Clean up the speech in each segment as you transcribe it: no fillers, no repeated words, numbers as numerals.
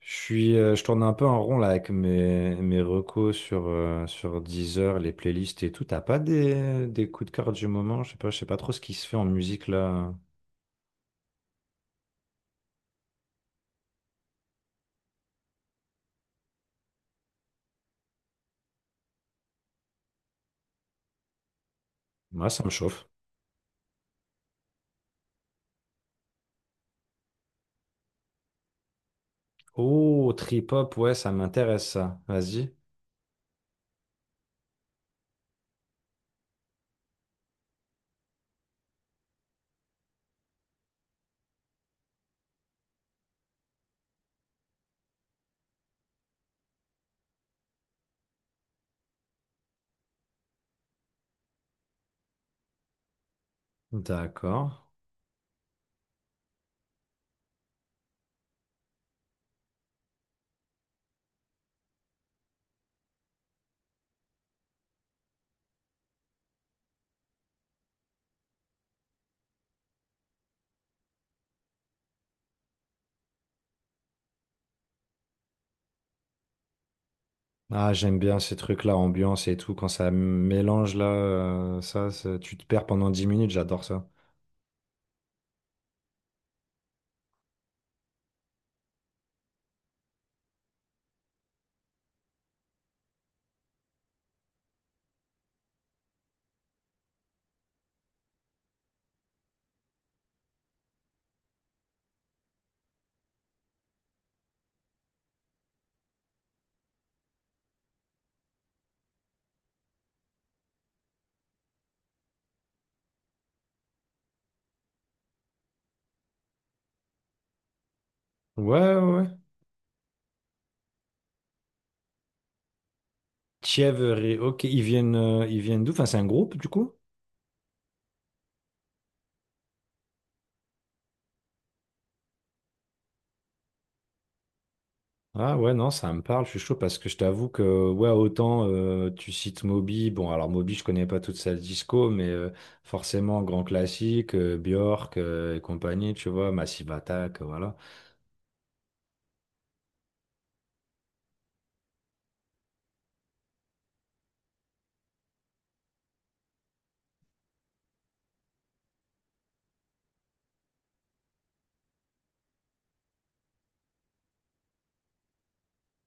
Je tourne un peu en rond là avec mes recos sur Deezer, les playlists et tout. T'as pas des coups de cœur du moment? Je sais pas trop ce qui se fait en musique là. Moi, ça me chauffe. Oh, trip-hop, ouais, ça m'intéresse ça. Vas-y. D'accord. Ah, j'aime bien ces trucs-là, ambiance et tout, quand ça mélange là, tu te perds pendant 10 minutes, j'adore ça. Ouais, ouais, ouais. Thievery, ok, ils viennent d'où? Enfin, c'est un groupe du coup? Ah ouais, non, ça me parle, je suis chaud parce que je t'avoue que, ouais, autant tu cites Moby, bon, alors Moby, je connais pas toute sa disco, mais forcément, grand classique, Björk et compagnie, tu vois, Massive Attack, voilà.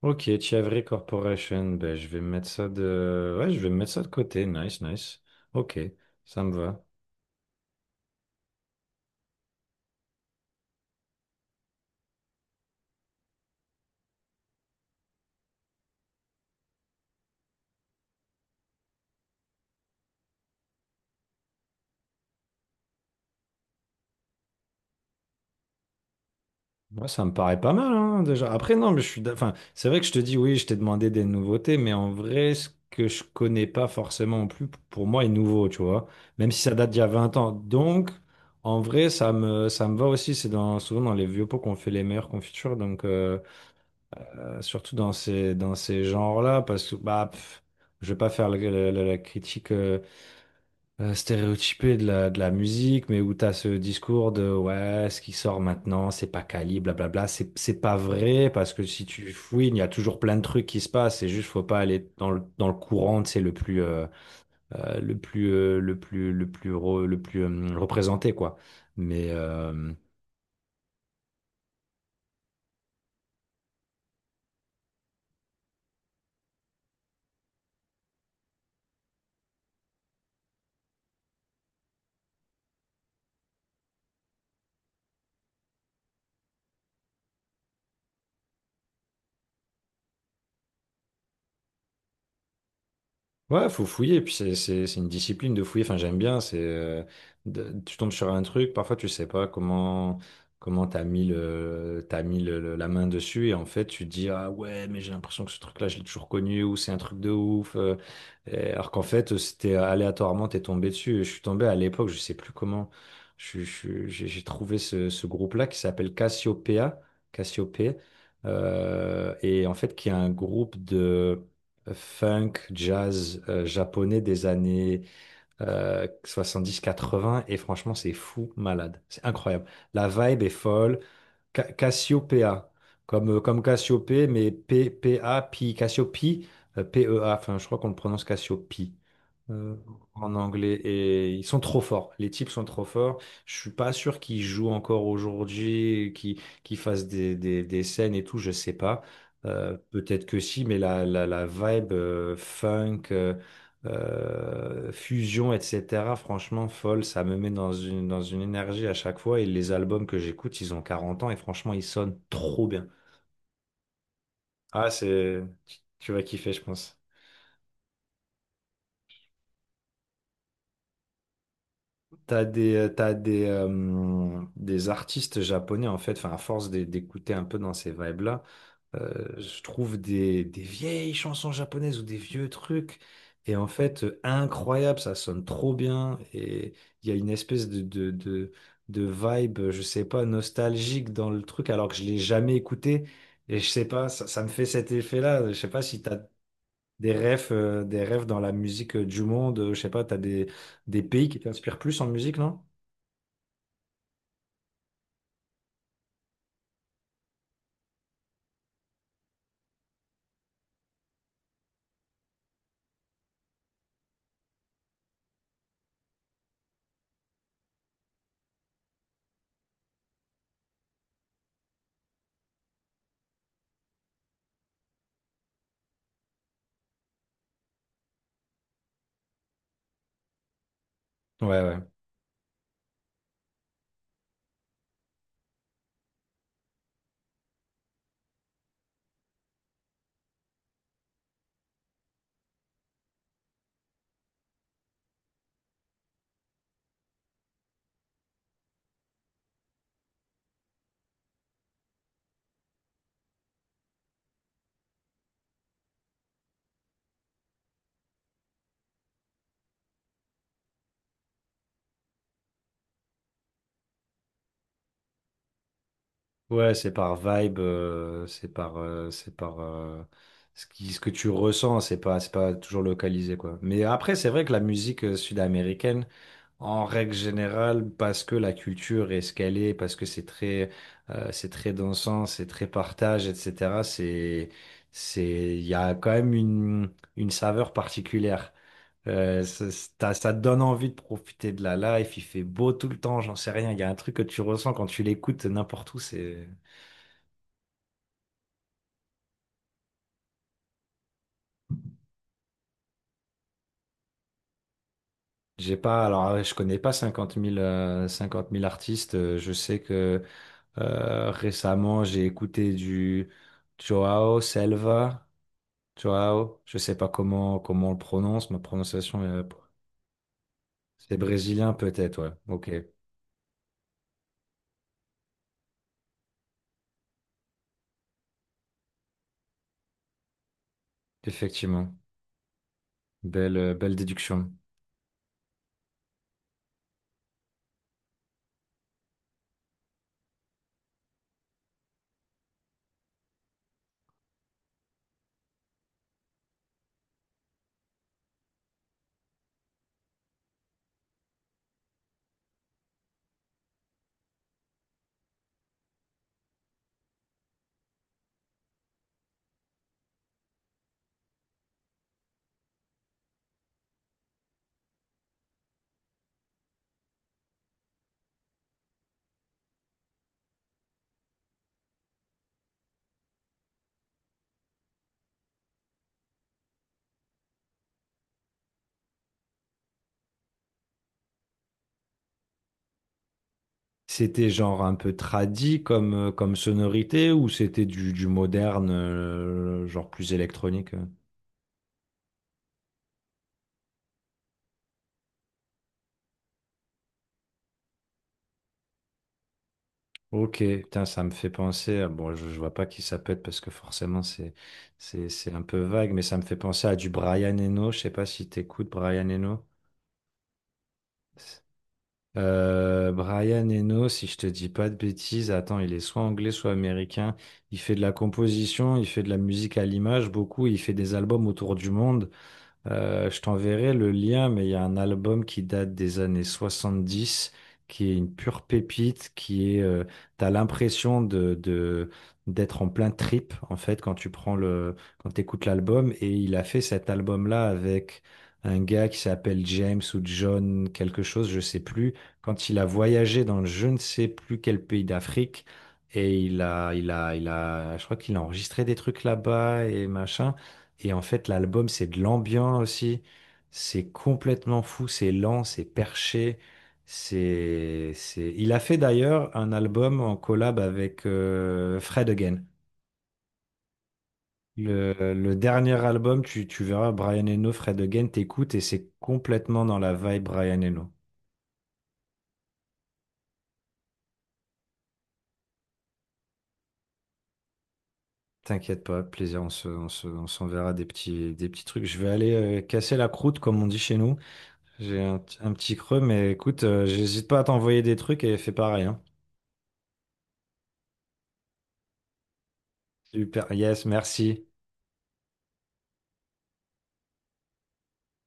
Ok, Chiavri Corporation, ben je vais mettre ça de... Ouais, je vais mettre ça de côté, nice, nice. Ok, ça me va. Moi, ça me paraît pas mal, hein, déjà. Après, non, mais Enfin, c'est vrai que je te dis, oui, je t'ai demandé des nouveautés, mais en vrai, ce que je connais pas forcément non plus, pour moi, est nouveau, tu vois. Même si ça date d'il y a 20 ans. Donc, en vrai, ça me va aussi. Souvent dans les vieux pots qu'on fait les meilleures confitures. Donc, surtout dans ces genres-là, parce que, bah, pff, je vais pas faire la critique, stéréotypé de la musique, mais où tu as ce discours de ouais, ce qui sort maintenant, c'est pas quali, blablabla. C'est pas vrai parce que si tu fouilles, il y a toujours plein de trucs qui se passent. C'est juste, faut pas aller dans le courant, c'est le plus, le plus, le plus, le plus, re- le plus, représenté, quoi. Mais, euh, Ouais, faut fouiller, puis c'est une discipline de fouiller, enfin j'aime bien, tu tombes sur un truc, parfois tu sais pas comment t'as mis le- la main dessus et en fait tu te dis ah ouais mais j'ai l'impression que ce truc-là je l'ai toujours connu ou c'est un truc de ouf et alors qu'en fait c'était aléatoirement t'es tombé dessus. Je suis tombé à l'époque, je sais plus comment, je suis- j'ai trouvé ce groupe-là qui s'appelle Cassiopeia, Cassiopeia et en fait qui est un groupe funk, jazz japonais des années 70-80 et franchement c'est fou malade, c'est incroyable. La vibe est folle. Cassiopeia, comme, comme Cassiopée, mais P, P, A, Pi, Cassiopi, P, E, A, enfin, je crois qu'on le prononce Cassiopi euh, en anglais et ils sont trop forts. Les types sont trop forts. Je suis pas sûr qu'ils jouent encore aujourd'hui, qu'ils fassent des scènes et tout, je sais pas. Peut-être que si, mais la vibe funk, fusion, etc. Franchement, folle, ça me met dans une énergie à chaque fois. Et les albums que j'écoute, ils ont 40 ans et franchement, ils sonnent trop bien. Ah, c'est... Tu vas kiffer, je pense. Des artistes japonais, en fait, enfin, à force d'écouter un peu dans ces vibes-là, je trouve des vieilles chansons japonaises ou des vieux trucs. Et en fait, incroyable, ça sonne trop bien. Et il y a une espèce de vibe, je sais pas, nostalgique dans le truc, alors que je l'ai jamais écouté. Et je sais pas, ça me fait cet effet-là. Je sais pas si des rêves dans la musique du monde. Je sais pas, t'as des pays qui t'inspirent plus en musique, non? Ouais, ouais. Ouais, c'est par vibe, c'est par ce que tu ressens, c'est pas toujours localisé, quoi. Mais après, c'est vrai que la musique sud-américaine, en règle générale, parce que la culture est ce qu'elle est, parce que c'est très dansant, c'est très partage, etc. Il y a quand même une saveur particulière. Ça te donne envie de profiter de la life, il fait beau tout le temps, j'en sais rien, il y a un truc que tu ressens quand tu l'écoutes n'importe où, c'est... J'ai pas, alors je connais pas cinquante mille 50 000 artistes. Je sais que récemment j'ai écouté du Joao Selva. Joao, je sais pas comment on le prononce, ma prononciation est... C'est brésilien peut-être, ouais. Ok, effectivement. Belle, belle déduction. C'était genre un peu tradi comme, comme sonorité ou c'était du moderne, genre plus électronique? Ok, putain, ça me fait penser à... Bon, je vois pas qui ça peut être parce que forcément c'est un peu vague, mais ça me fait penser à du Brian Eno. Je sais pas si t'écoutes Brian Eno. Brian Eno, si je te dis pas de bêtises, attends, il est soit anglais, soit américain. Il fait de la composition, il fait de la musique à l'image beaucoup, il fait des albums autour du monde. Je t'enverrai le lien, mais il y a un album qui date des années 70, qui est une pure pépite, qui est, t'as l'impression d'être en plein trip, en fait, quand tu prends le, quand t'écoutes l'album. Et il a fait cet album-là avec un gars qui s'appelle James ou John quelque chose, je sais plus, quand il a voyagé dans je ne sais plus quel pays d'Afrique. Et il a, je crois qu'il a enregistré des trucs là-bas et machin. Et en fait, l'album, c'est de l'ambiance aussi. C'est complètement fou, c'est lent, c'est perché. Il a fait d'ailleurs un album en collab avec Fred Again. Le dernier album, tu verras Brian Eno, Fred Again, t'écoutes et c'est complètement dans la vibe Brian Eno. T'inquiète pas, plaisir, on s'enverra des petits trucs. Je vais aller casser la croûte, comme on dit chez nous. J'ai un petit creux, mais écoute, j'hésite pas à t'envoyer des trucs et fais pareil, hein. Super, yes, merci.